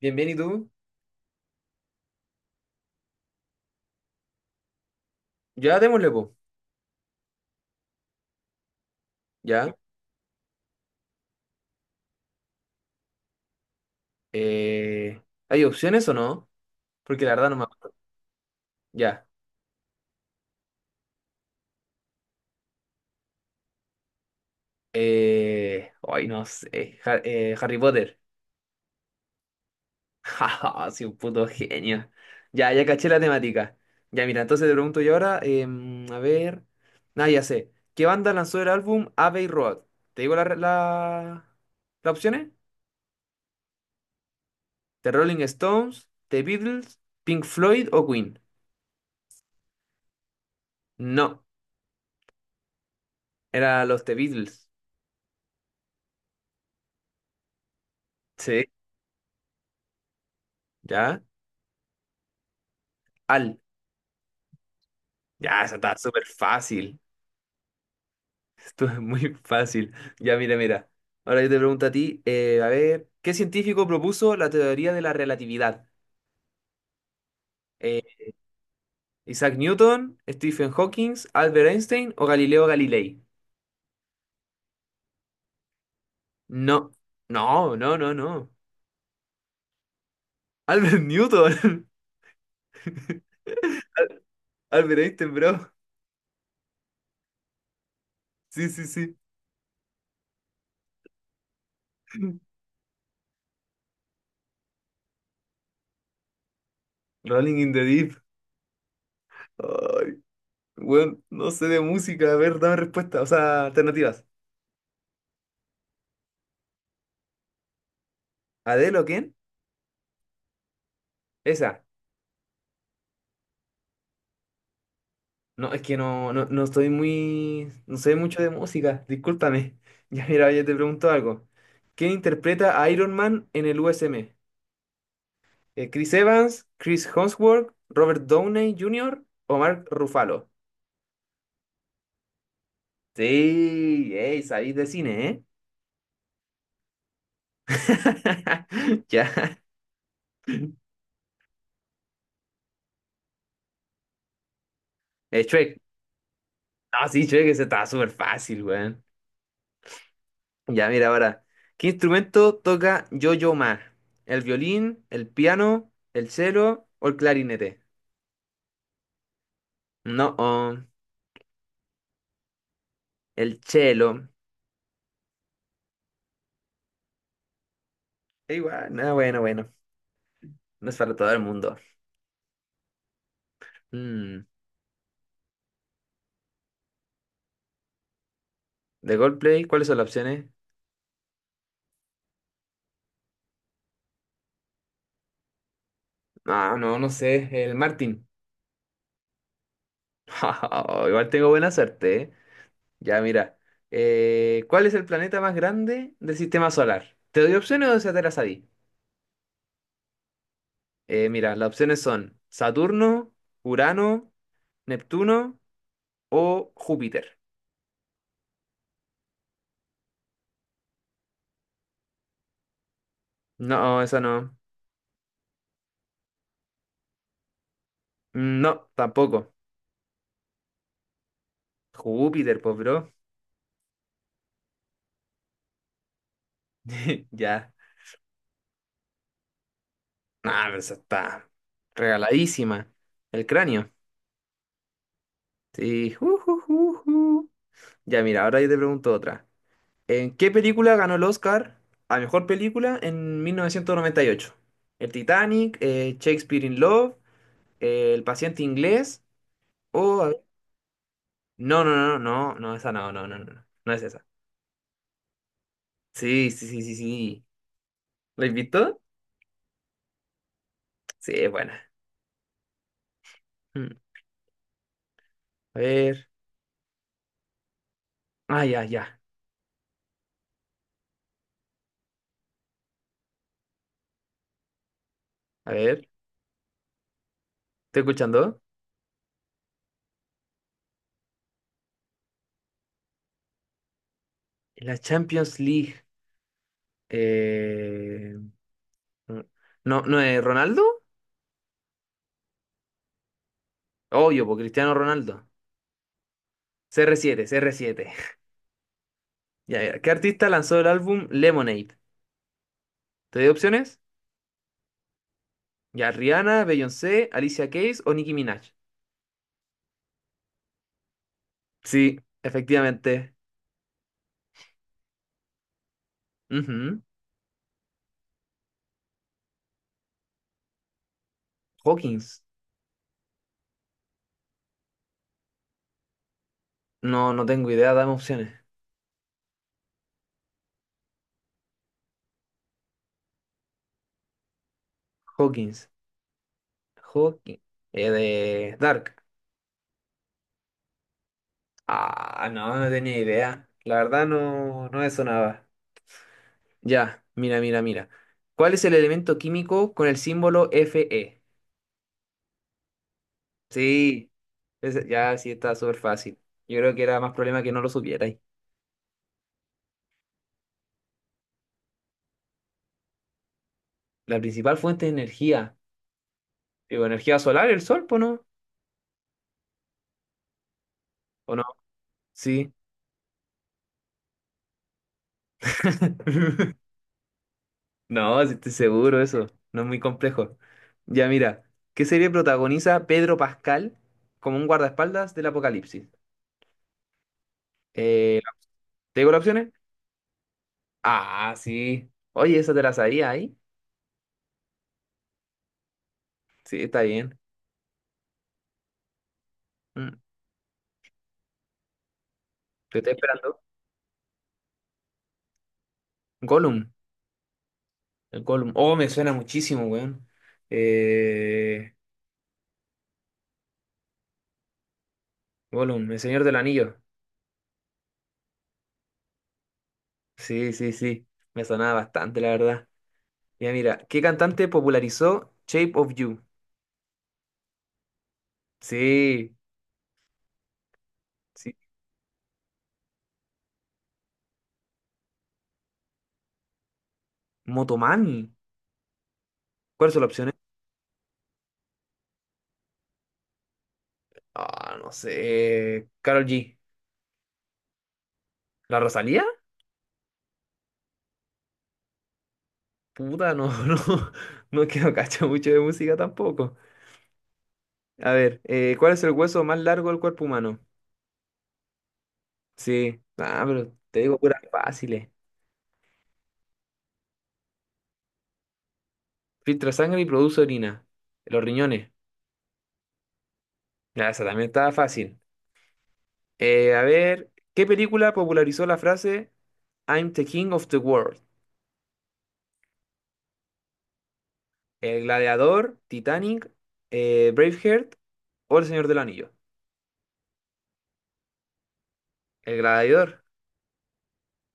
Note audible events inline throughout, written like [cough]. Bien, bien, ¿y tú? Ya démosle, po. Ya. Eh, ¿Hay opciones o no? Porque la verdad no me acuerdo. Ya. Ay, no sé. Harry Potter. [laughs] Jaja, soy un puto genio. Ya, ya caché la temática. Ya, mira, entonces te pregunto yo ahora. A ver. Nada, ya sé. ¿Qué banda lanzó el álbum Abbey Road? ¿Te digo las opciones? ¿The Rolling Stones, The Beatles, Pink Floyd o Queen? No, era los The Beatles. Sí, ya. Al. Ya, eso está súper fácil. [laughs] Esto es muy fácil. Ya, mira, mira. Ahora yo te pregunto a ti, a ver, ¿qué científico propuso la teoría de la relatividad? Eh, ¿Isaac Newton, Stephen Hawking, Albert Einstein o Galileo Galilei? No, no, no, no, no. Albert Newton. [laughs] Albert Einstein, bro. Sí, sí, sí. [laughs] Rolling in the Deep. Ay, bueno, no sé de música. A ver, dame respuesta. O sea, alternativas. ¿Adele o quién? Esa. No, es que no, no, no estoy muy, no sé mucho de música, discúlpame. [laughs] Ya, mira, yo te pregunto algo. ¿Quién interpreta a Iron Man en el USM? ¿Chris Evans, Chris Hemsworth, Robert Downey Jr. o Mark Ruffalo? Sí, ey, sabéis de cine, ¿eh? [laughs] Ya. Shrek. Ah, sí, Shrek, ese estaba súper fácil, weón. Ya, mira, ahora. ¿Qué instrumento toca Yo-Yo Ma? ¿El violín, el piano, el cello o el clarinete? No, oh, el cello. Igual, no, bueno, bueno. No es para todo el mundo. Mm. ¿De Goldplay? ¿Cuáles son las opciones? Ah, no, no sé. El Martin. [laughs] Igual tengo buena suerte, ¿eh? Ya, mira. ¿Cuál es el planeta más grande del sistema solar? ¿Te doy opciones o ya te las sabí? Mira, las opciones son Saturno, Urano, Neptuno o Júpiter. No, esa no. Mm, no, tampoco. Júpiter, pues, bro. [laughs] Ya. Ah, pero esa está regaladísima. El cráneo. Sí. Ju, ju, ju, ju. Ya, mira, ahora yo te pregunto otra. ¿En qué película ganó el Oscar a mejor película en 1998? ¿El Titanic, Shakespeare in Love, El paciente inglés o... a ver. No, no, no, no, no, esa no, no, no, no, no, no es esa. Sí, sí, sí, sí, sí. ¿La invitó? Sí, es buena. Mm. A ver. Ah, ya, ya. A ver, ¿estoy escuchando? La Champions League. Eh, no, no es Ronaldo. Obvio, por Cristiano Ronaldo. C CR7, CR7. [laughs] Ya, ya. ¿Qué artista lanzó el álbum Lemonade? ¿Te doy opciones? Ya, Rihanna, Beyoncé, Alicia Keys o Nicki Minaj. Sí, efectivamente. Ujú. Hawkins. No, no tengo idea, dame opciones. Hawkins. Hawkins. De Dark. Ah, no, no tenía idea. La verdad no, no me sonaba. Ya, mira, mira, mira. ¿Cuál es el elemento químico con el símbolo Fe? Sí, ya sí está súper fácil. Yo creo que era más problema que no lo supierais. La principal fuente de energía. Digo, energía solar, el sol, pues, ¿no? ¿O no? Sí. [laughs] No, sí estoy seguro eso. No es muy complejo. Ya, mira. ¿Qué serie protagoniza Pedro Pascal como un guardaespaldas del apocalipsis? Eh, ¿Te digo las opciones? Ah, sí. Oye, esa te la sabía ahí. Sí, está bien. Mm. Te estoy esperando. Gollum. El Gollum. Oh, me suena muchísimo, weón. Eh, Gollum, el Señor del Anillo. Sí, sí, sí. Me sonaba bastante, la verdad. Mira, mira. ¿Qué cantante popularizó Shape of You? Sí, sí. Motomami. ¿Cuáles son las opciones? Ah, no sé. Karol G. ¿La Rosalía? Puta, no, [laughs] no. No, es que no cacho mucho de música tampoco. A ver, ¿cuál es el hueso más largo del cuerpo humano? Sí. Ah, pero te digo puras fáciles. Filtra sangre y produce orina. Los riñones. Ya, esa también estaba fácil. A ver, ¿qué película popularizó la frase I'm the king of the world? ¿El gladiador, Titanic, Braveheart o El Señor del Anillo? ¿El gladiador?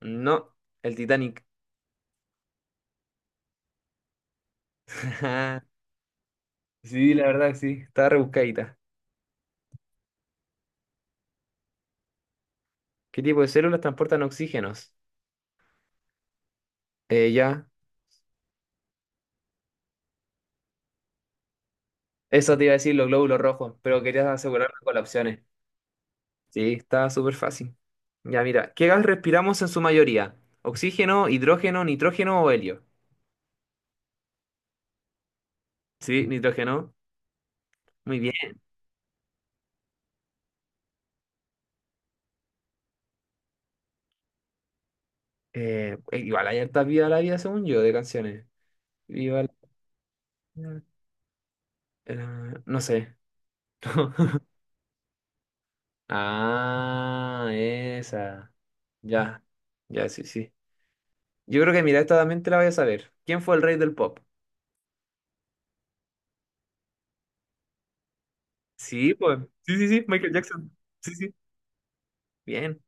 No, el Titanic. [laughs] Sí, la verdad, que sí, está rebuscadita. ¿Qué tipo de células transportan oxígenos? Eh, ya, eso te iba a decir los glóbulos rojos, pero querías asegurarme con las opciones. Sí, está súper fácil. Ya, mira, ¿qué gas respiramos en su mayoría? ¿Oxígeno, hidrógeno, nitrógeno o helio? Sí, nitrógeno. Muy bien. Igual hay hartas Viva la Vida, según yo, de canciones. Viva la Vida. eh, no sé. [laughs] Ah, esa. Ya, ya, sí, sí. Yo creo que, mira, esta también te la voy a saber. ¿Quién fue el rey del pop? Sí, pues. Sí, sí, sí, Michael Jackson. Sí, sí. Bien.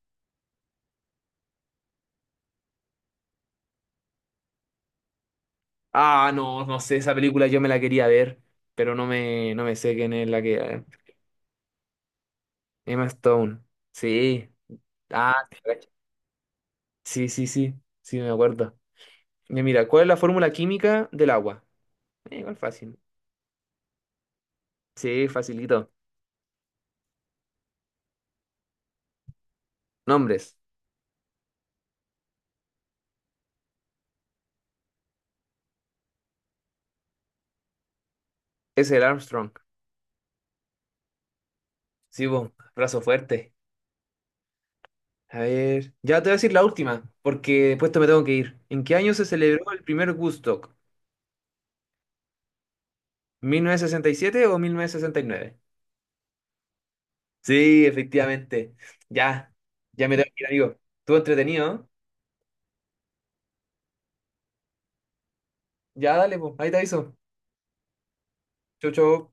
Ah, no, no sé, esa película yo me la quería ver, pero no me sé quién es la que... Emma Stone. Sí. Ah, te cacho. Sí, sí, sí, sí, me acuerdo. Ya, mira, ¿cuál es la fórmula química del agua? Igual fácil. Sí, facilito. Nombres. Es el Armstrong. Sí, vos, brazo fuerte. A ver, ya te voy a decir la última, porque después te me tengo que ir. ¿En qué año se celebró el primer Woodstock? ¿1967 o 1969? Sí, efectivamente. Ya, ya me tengo que ir, amigo. Estuvo entretenido. ¿No? Ya, dale, pues. Ahí te aviso. Chau, chau.